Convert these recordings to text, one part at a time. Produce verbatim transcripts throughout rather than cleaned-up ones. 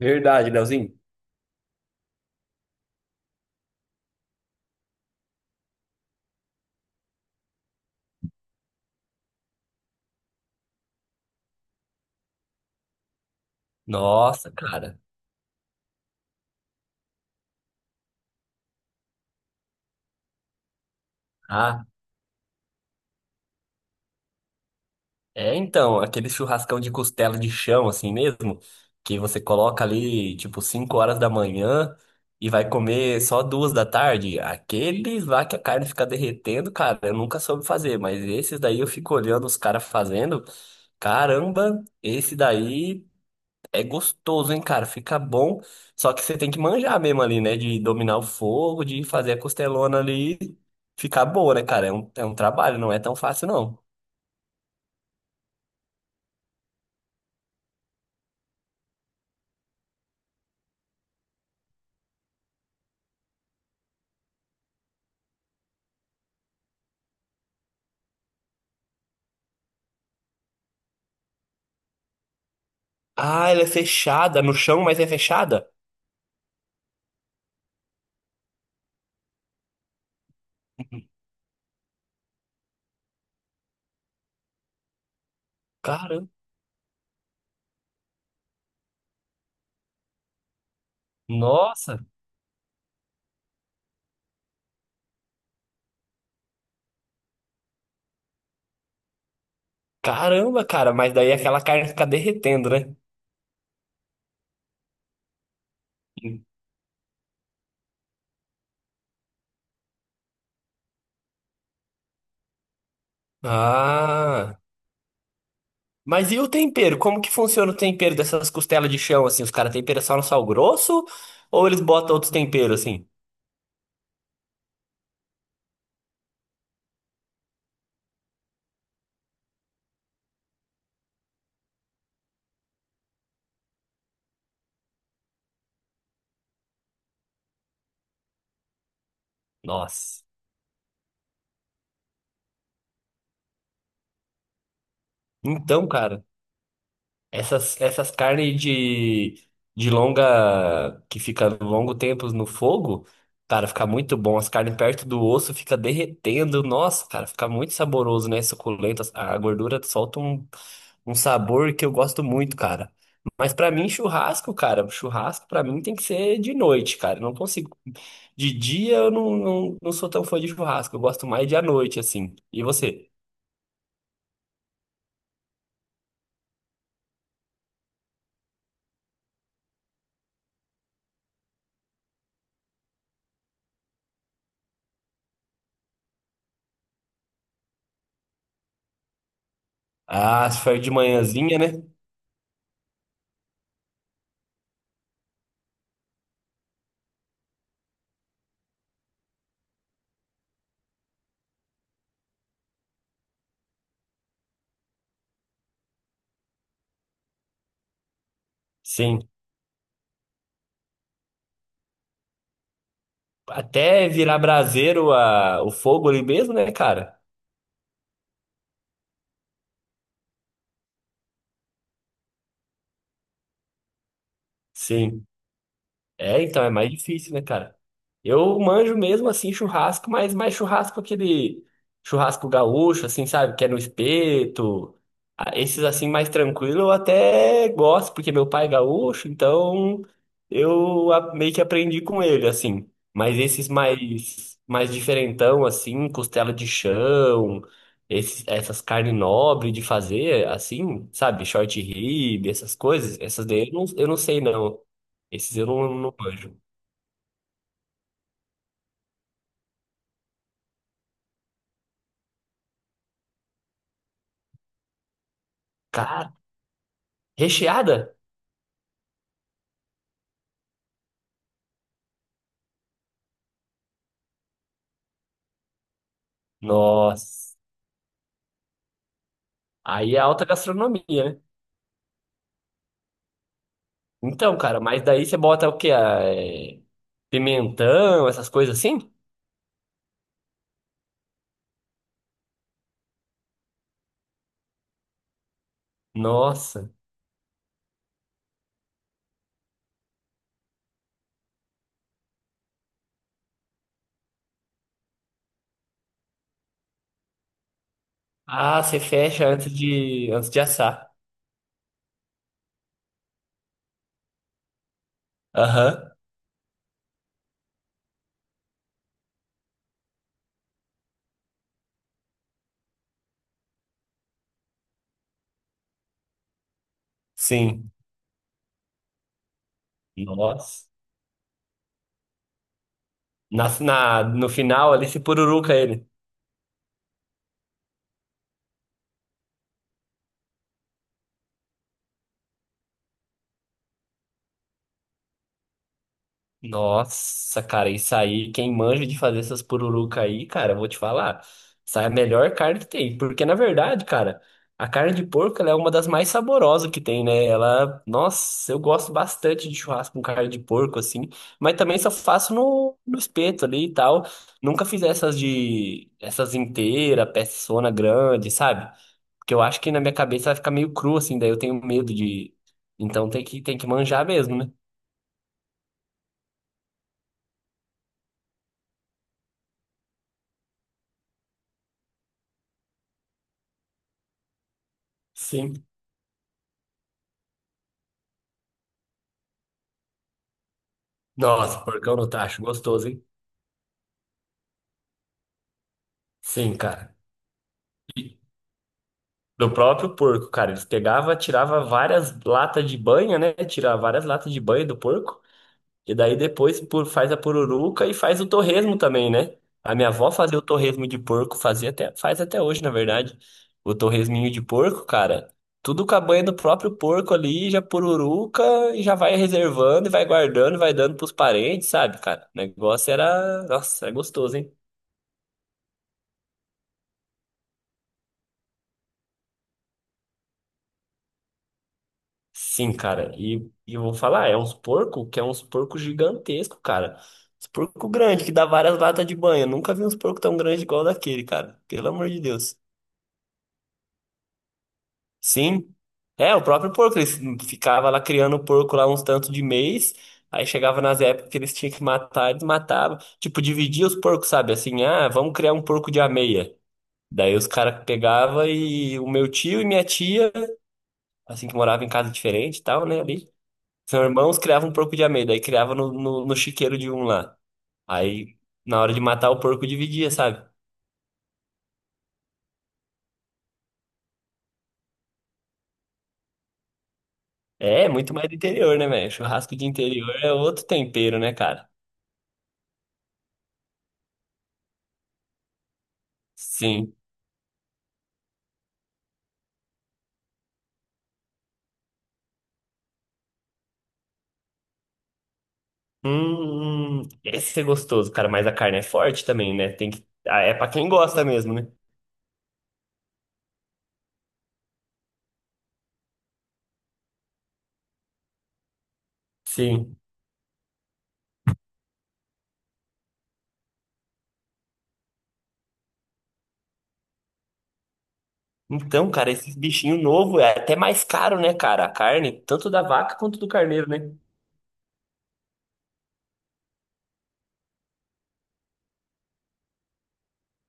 Verdade, Leozinho. Nossa, cara. Ah, é então, aquele churrascão de costela de chão, assim mesmo, que você coloca ali, tipo, cinco horas da manhã e vai comer só duas da tarde. Aqueles lá que a carne fica derretendo, cara, eu nunca soube fazer, mas esses daí eu fico olhando os caras fazendo. Caramba, esse daí. É gostoso, hein, cara? Fica bom. Só que você tem que manjar mesmo ali, né? De dominar o fogo, de fazer a costelona ali ficar boa, né, cara? É um, é um trabalho, não é tão fácil, não. Ah, ela é fechada no chão, mas é fechada? Caramba. Nossa. Caramba, cara. Mas daí aquela carne fica derretendo, né? Sim. Ah. Mas e o tempero? Como que funciona o tempero dessas costelas de chão, assim? Os caras temperam só no sal grosso? Ou eles botam outros temperos, assim? Nossa. Então, cara. Essas, essas carnes de, de longa, que fica longo tempo no fogo, cara, fica muito bom. As carnes perto do osso fica derretendo. Nossa, cara, fica muito saboroso, né? Suculento. A gordura solta um, um sabor que eu gosto muito, cara. Mas pra mim, churrasco, cara, churrasco pra mim tem que ser de noite, cara. Eu não consigo. De dia eu não, não, não sou tão fã de churrasco. Eu gosto mais de à noite, assim. E você? Ah, se for de manhãzinha, né? Sim. Até virar braseiro a, o fogo ali mesmo, né, cara? Sim, é, então é mais difícil, né, cara? Eu manjo mesmo assim churrasco, mas mais churrasco aquele churrasco gaúcho, assim, sabe? Que é no espeto. Ah, esses assim mais tranquilo eu até gosto, porque meu pai é gaúcho, então eu a- meio que aprendi com ele, assim. Mas esses mais mais diferentão, assim, costela de chão, esses, essas carnes nobres de fazer, assim, sabe? Short rib, essas coisas, essas daí eu não, eu não sei não. Esses eu não, não manjo. Cara, recheada? Nossa. Aí é alta gastronomia, né? Então, cara, mas daí você bota o quê? Ah, é, Pimentão, essas coisas assim? Nossa. Ah, você fecha antes de, antes de assar. Aham, sim. Nossa. Na, na- no final ali, você pururuca ele. Nossa, cara, isso aí, quem manja de fazer essas pururuca aí, cara, eu vou te falar, essa é a melhor carne que tem, porque na verdade, cara, a carne de porco, ela é uma das mais saborosas que tem, né? Ela, nossa, eu gosto bastante de churrasco com carne de porco, assim, mas também só faço no, no espeto ali e tal, nunca fiz essas de, essas inteira, peçona grande, sabe? Porque eu acho que na minha cabeça vai ficar meio cru, assim, daí eu tenho medo de, então tem que, tem que manjar mesmo, né? Sim. Nossa, porcão no tacho, gostoso, hein? Sim, cara. E do próprio porco, cara, eles pegavam, tirava várias latas de banha, né? Tirava várias latas de banha do porco, e daí depois por, faz a pururuca e faz o torresmo também, né? A minha avó fazia o torresmo de porco, fazia até, faz até hoje, na verdade. O torresminho de porco, cara, tudo com a banha do próprio porco ali, já pururuca, e já vai reservando, e vai guardando, e vai dando pros parentes, sabe, cara? O negócio era, nossa, é gostoso, hein? Sim, cara, e, e eu vou falar, é uns porco que é uns porco gigantesco, cara. Uns porco grande que dá várias latas de banho. Eu nunca vi uns porco tão grande igual daquele, cara. Pelo amor de Deus. Sim. É, o próprio porco, eles ficava lá criando porco lá uns tantos de mês, aí chegava nas épocas que eles tinham que matar, eles matavam. Tipo, dividia os porcos, sabe? Assim, ah, vamos criar um porco de ameia. Daí os caras pegavam e o meu tio e minha tia, assim que morava em casa diferente e tal, né, ali. São irmãos criavam um porco de amêndoa, aí criava no, no, no chiqueiro de um lá. Aí, na hora de matar o porco, dividia, sabe? É, é muito mais do interior, né, velho? Churrasco de interior é outro tempero, né, cara? Sim. Hum, hum, esse é gostoso, cara, mas a carne é forte também, né? Tem que... Ah, é pra quem gosta mesmo, né? Sim. Então, cara, esses bichinhos novos é até mais caro, né, cara? A carne, tanto da vaca quanto do carneiro, né?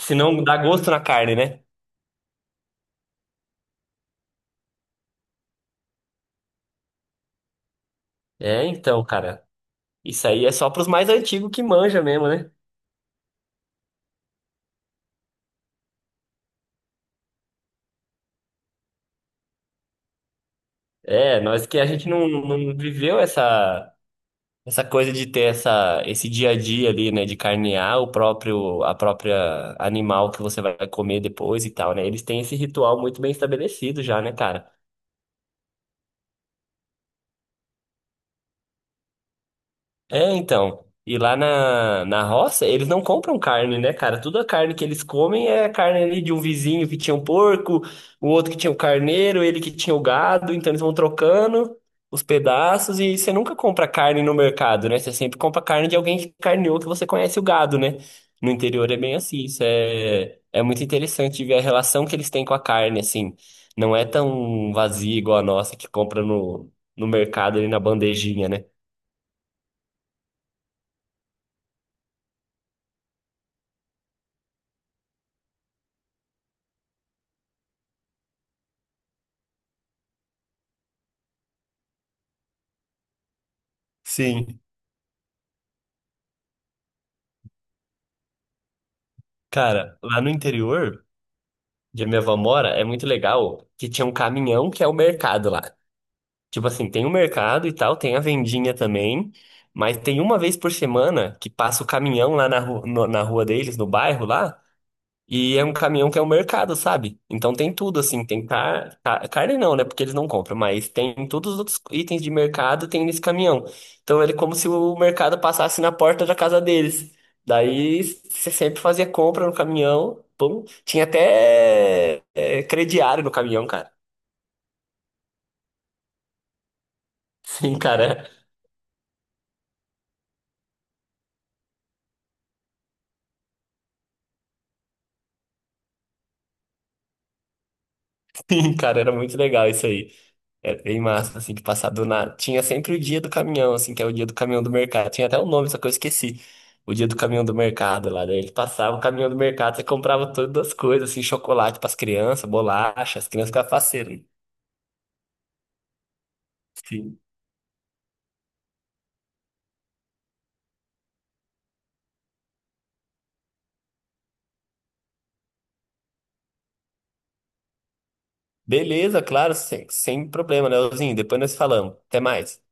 Se não dá gosto na carne, né? É, então, cara. Isso aí é só pros mais antigos que manja mesmo, né? É, nós que a gente não, não viveu essa essa coisa de ter essa esse dia a dia ali, né, de carnear o próprio a própria animal que você vai comer depois e tal, né? Eles têm esse ritual muito bem estabelecido já, né, cara? É, então. E lá na, na roça, eles não compram carne, né, cara? Toda carne que eles comem é carne ali de um vizinho que tinha um porco, o outro que tinha o carneiro, ele que tinha o gado. Então eles vão trocando os pedaços e você nunca compra carne no mercado, né? Você sempre compra carne de alguém que carneou, que você conhece o gado, né? No interior é bem assim. Isso é, é muito interessante ver a relação que eles têm com a carne, assim. Não é tão vazia igual a nossa que compra no, no mercado ali na bandejinha, né? Sim. Cara, lá no interior, onde a minha avó mora, é muito legal que tinha um caminhão que é o mercado lá. Tipo assim, tem o mercado e tal, tem a vendinha também, mas tem uma vez por semana que passa o caminhão lá na, ru no- na rua deles, no bairro lá, e é um caminhão que é o mercado, sabe? Então tem tudo, assim, tem car... ca- carne não, né? Porque eles não compram, mas tem todos os outros itens de mercado tem nesse caminhão. Então ele é como se o mercado passasse na porta da casa deles. Daí você sempre fazia compra no caminhão, pum. Tinha até é, crediário no caminhão, cara. Sim, cara. Sim, cara, era muito legal isso aí. Era bem massa, assim, de passar do nada. Tinha sempre o dia do caminhão, assim, que é o dia do caminhão do mercado. Tinha até um nome, só que eu esqueci. O dia do caminhão do mercado lá. Daí ele passava o caminhão do mercado, você comprava todas as coisas, assim, chocolate pras crianças, bolacha, as crianças ficavam faceiras. Sim. Beleza, claro, sem, sem problema, né, Leozinho? Depois nós falamos. Até mais.